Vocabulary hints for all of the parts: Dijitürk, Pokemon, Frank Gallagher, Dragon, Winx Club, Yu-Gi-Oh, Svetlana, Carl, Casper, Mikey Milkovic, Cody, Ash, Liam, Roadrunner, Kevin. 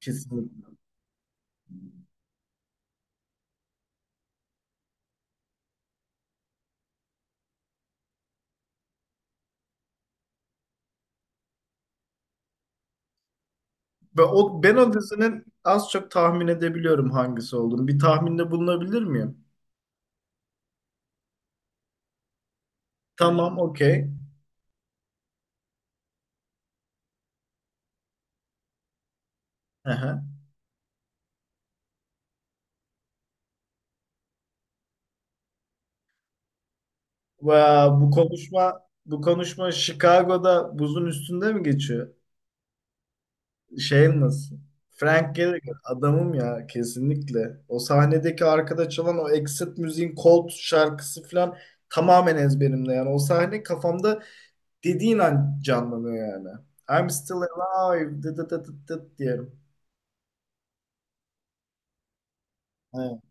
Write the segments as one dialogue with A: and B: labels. A: Kesinlikle. Ve o, ben o dizinin az çok tahmin edebiliyorum hangisi olduğunu. Bir tahminde bulunabilir miyim? Tamam, okey. Aha. Ve bu konuşma bu konuşma Chicago'da buzun üstünde mi geçiyor? Şey nasıl? Frank Gallagher adamım ya kesinlikle. O sahnedeki arkada çalan o Exit müziğin Cold şarkısı falan tamamen ezberimde yani. O sahne kafamda dediğin an canlanıyor yani. I'm still alive dıt dıt dıt dıt diyorum. Evet.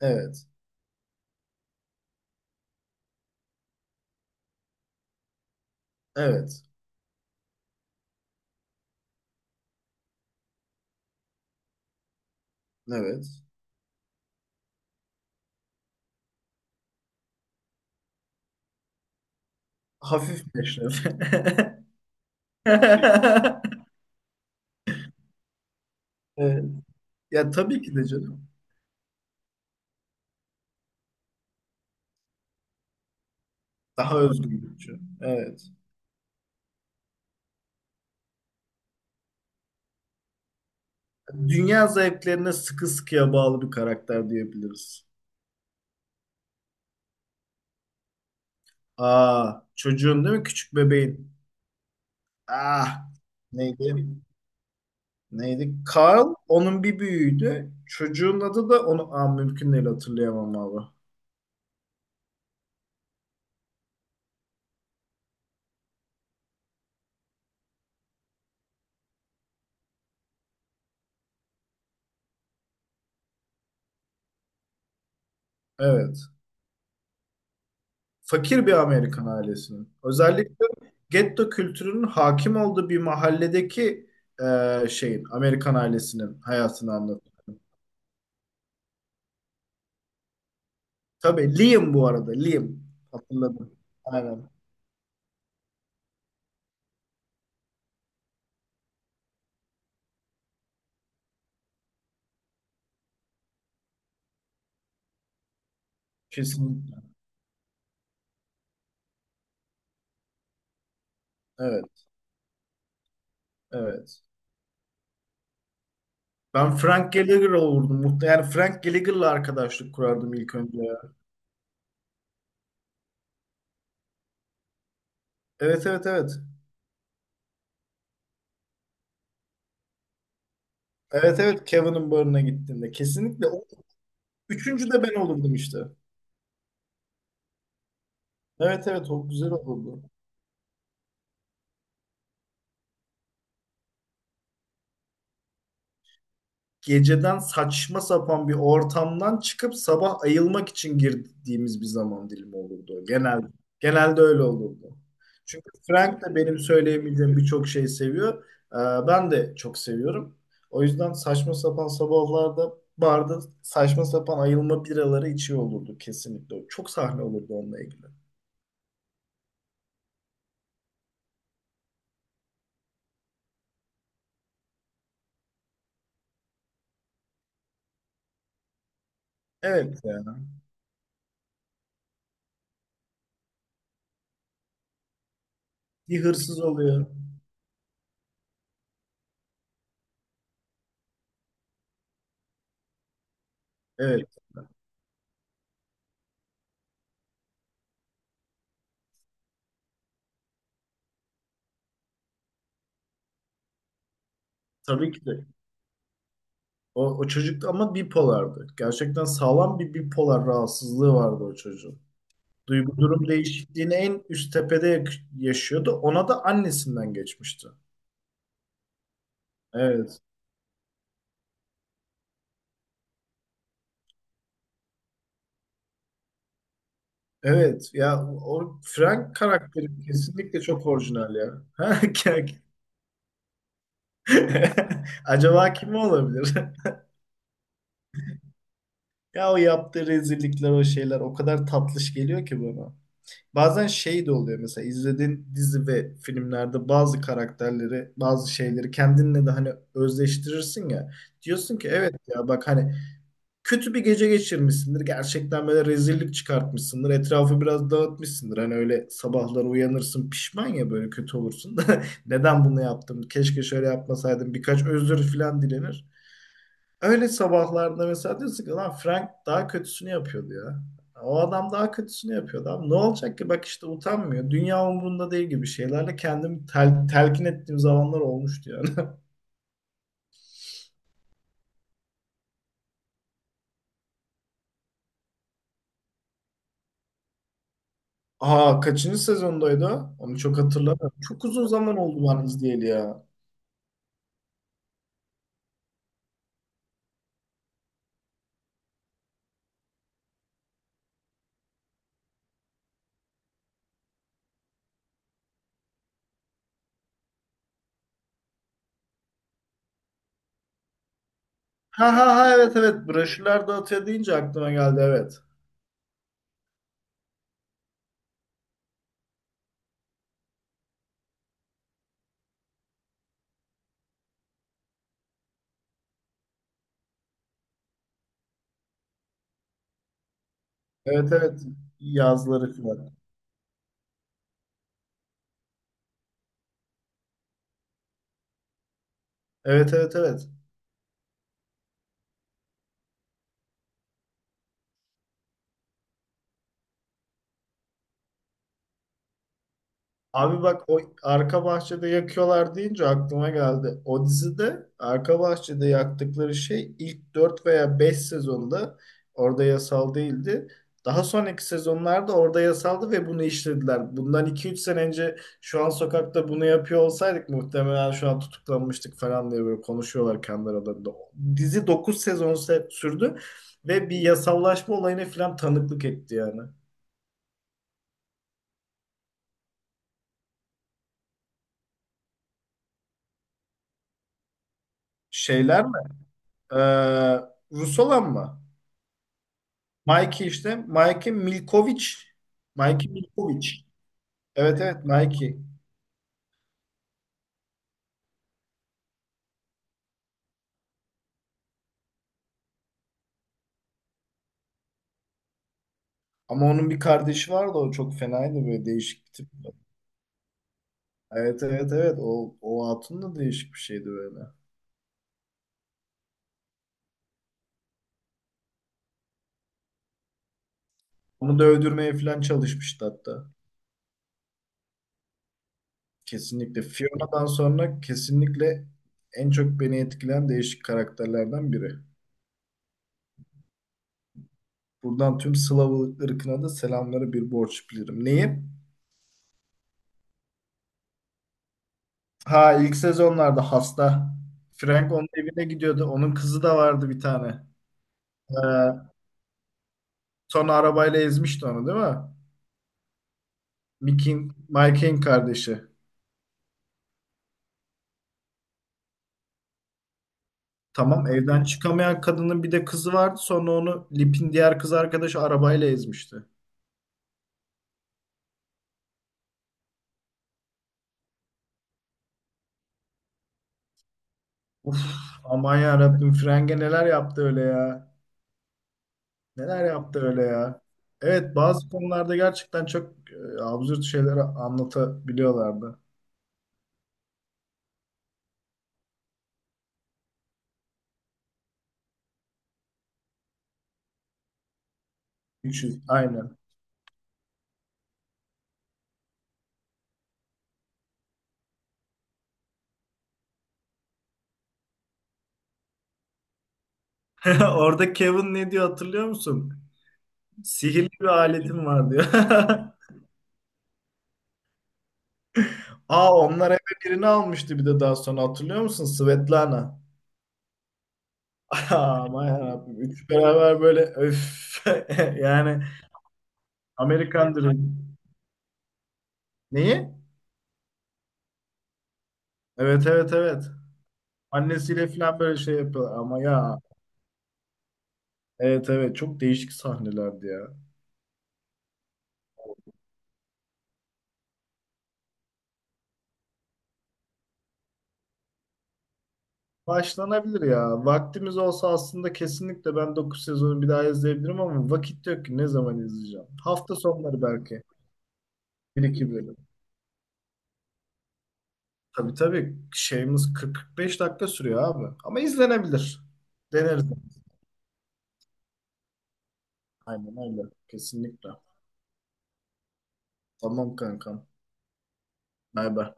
A: Evet. Evet. Evet. Hafif meşref. Evet. Ya tabii ki de canım. Daha özgürlükçü. Evet. Dünya zevklerine sıkı sıkıya bağlı bir karakter diyebiliriz. Aa, çocuğun değil mi? Küçük bebeğin. Ah, neydi? Neydi? Carl onun bir büyüğüydü. Çocuğun adı da onu Aa, mümkün değil hatırlayamam abi. Evet. Fakir bir Amerikan ailesinin. Özellikle getto kültürünün hakim olduğu bir mahalledeki şeyin, Amerikan ailesinin hayatını anlatıyor. Tabii Liam bu arada, Liam. Hatırladım. Aynen. Kesinlikle. Evet, evet. Ben Frank Gallagher olurdum. Yani Frank Gallagher'la arkadaşlık kurardım ilk önce ya. Evet, evet, evet. Evet, evet. Kevin'in barına gittiğimde. Kesinlikle. O, üçüncü de ben olurdum işte. Evet, evet. O güzel olurdu. Geceden saçma sapan bir ortamdan çıkıp sabah ayılmak için girdiğimiz bir zaman dilimi olurdu. Genelde, genelde öyle olurdu. Çünkü Frank de benim söyleyemeyeceğim birçok şeyi seviyor. Ben de çok seviyorum. O yüzden saçma sapan sabahlarda barda saçma sapan ayılma biraları içiyor olurdu kesinlikle. Çok sahne olurdu onunla ilgili. Evet yani bir hırsız oluyor. Evet. Tabii ki de. O, o çocuk ama bipolardı. Gerçekten sağlam bir bipolar rahatsızlığı vardı o çocuğun. Duygu durum değişikliğini en üst tepede yaşıyordu. Ona da annesinden geçmişti. Evet. Evet. Ya o Frank karakteri kesinlikle çok orijinal ya. Ha, kek. Acaba kim olabilir? Ya o yaptığı rezillikler, o şeyler o kadar tatlış geliyor ki bana. Bazen şey de oluyor mesela izlediğin dizi ve filmlerde bazı karakterleri, bazı şeyleri kendinle de hani özdeştirirsin ya. Diyorsun ki evet ya bak hani kötü bir gece geçirmişsindir. Gerçekten böyle rezillik çıkartmışsındır. Etrafı biraz dağıtmışsındır. Hani öyle sabahları uyanırsın pişman ya böyle kötü olursun da neden bunu yaptım? Keşke şöyle yapmasaydım. Birkaç özür falan dilenir. Öyle sabahlarda mesela diyorsun ki lan Frank daha kötüsünü yapıyordu ya. O adam daha kötüsünü yapıyordu abi. Ne olacak ki bak işte utanmıyor. Dünya umurunda değil gibi şeylerle kendimi telkin ettiğim zamanlar olmuştu yani. Aa kaçıncı sezondaydı o? Onu çok hatırlamıyorum. Çok uzun zaman oldu ben izleyeli ya. Ha ha ha evet evet. Broşürler dağıtıyor deyince aklıma geldi evet. Evet evet. Yazları falan. Evet evet evet. Abi bak o arka bahçede yakıyorlar deyince aklıma geldi. O dizide arka bahçede yaktıkları şey ilk 4 veya 5 sezonda orada yasal değildi. Daha sonraki sezonlarda orada yasaldı ve bunu işlediler. Bundan iki üç sene önce şu an sokakta bunu yapıyor olsaydık muhtemelen şu an tutuklanmıştık falan diye böyle konuşuyorlar kendi aralarında. Dizi 9 sezon sürdü ve bir yasallaşma olayına falan tanıklık etti yani. Şeyler mi? Ee, Rus olan mı? Mikey işte. Mikey Milkovic. Mikey Milkovic. Evet evet Mikey. Ama onun bir kardeşi vardı o çok fenaydı böyle değişik bir tip. Evet evet evet o, o hatun da değişik bir şeydi böyle. Onu da öldürmeye falan çalışmıştı hatta. Kesinlikle Fiona'dan sonra kesinlikle en çok beni etkileyen değişik karakterlerden biri. Buradan tüm Slav ırkına da selamları bir borç bilirim. Neyi? Ha ilk sezonlarda hasta. Frank onun evine gidiyordu. Onun kızı da vardı bir tane. Ee, sonra arabayla ezmişti onu değil mi? Mickey'in, Mike'in kardeşi. Tamam evden çıkamayan kadının bir de kızı vardı. Sonra onu Lip'in diğer kız arkadaşı arabayla ezmişti. Uf aman yarabbim Frenge neler yaptı öyle ya. Neler yaptı öyle ya. Evet bazı konularda gerçekten çok absürt şeyler anlatabiliyorlardı. 300 aynen. Orada Kevin ne diyor hatırlıyor musun? Sihirli bir aletim var diyor. Aa onlar eve birini almıştı bir de daha sonra hatırlıyor musun? Svetlana. Aa, aman yarabbim. Üçü beraber böyle öf. Yani Amerikan Dream. Neyi? Evet evet evet. Annesiyle falan böyle şey yapıyorlar ama ya. Evet evet çok değişik sahnelerdi ya. Başlanabilir ya. Vaktimiz olsa aslında kesinlikle ben 9 sezonu bir daha izleyebilirim ama vakit yok ki ne zaman izleyeceğim. Hafta sonları belki. Bir iki bölüm. Tabii tabii şeyimiz 40-45 dakika sürüyor abi. Ama izlenebilir. Deneriz. Aynen öyle. Kesinlikle. Tamam kankam. Bay bay.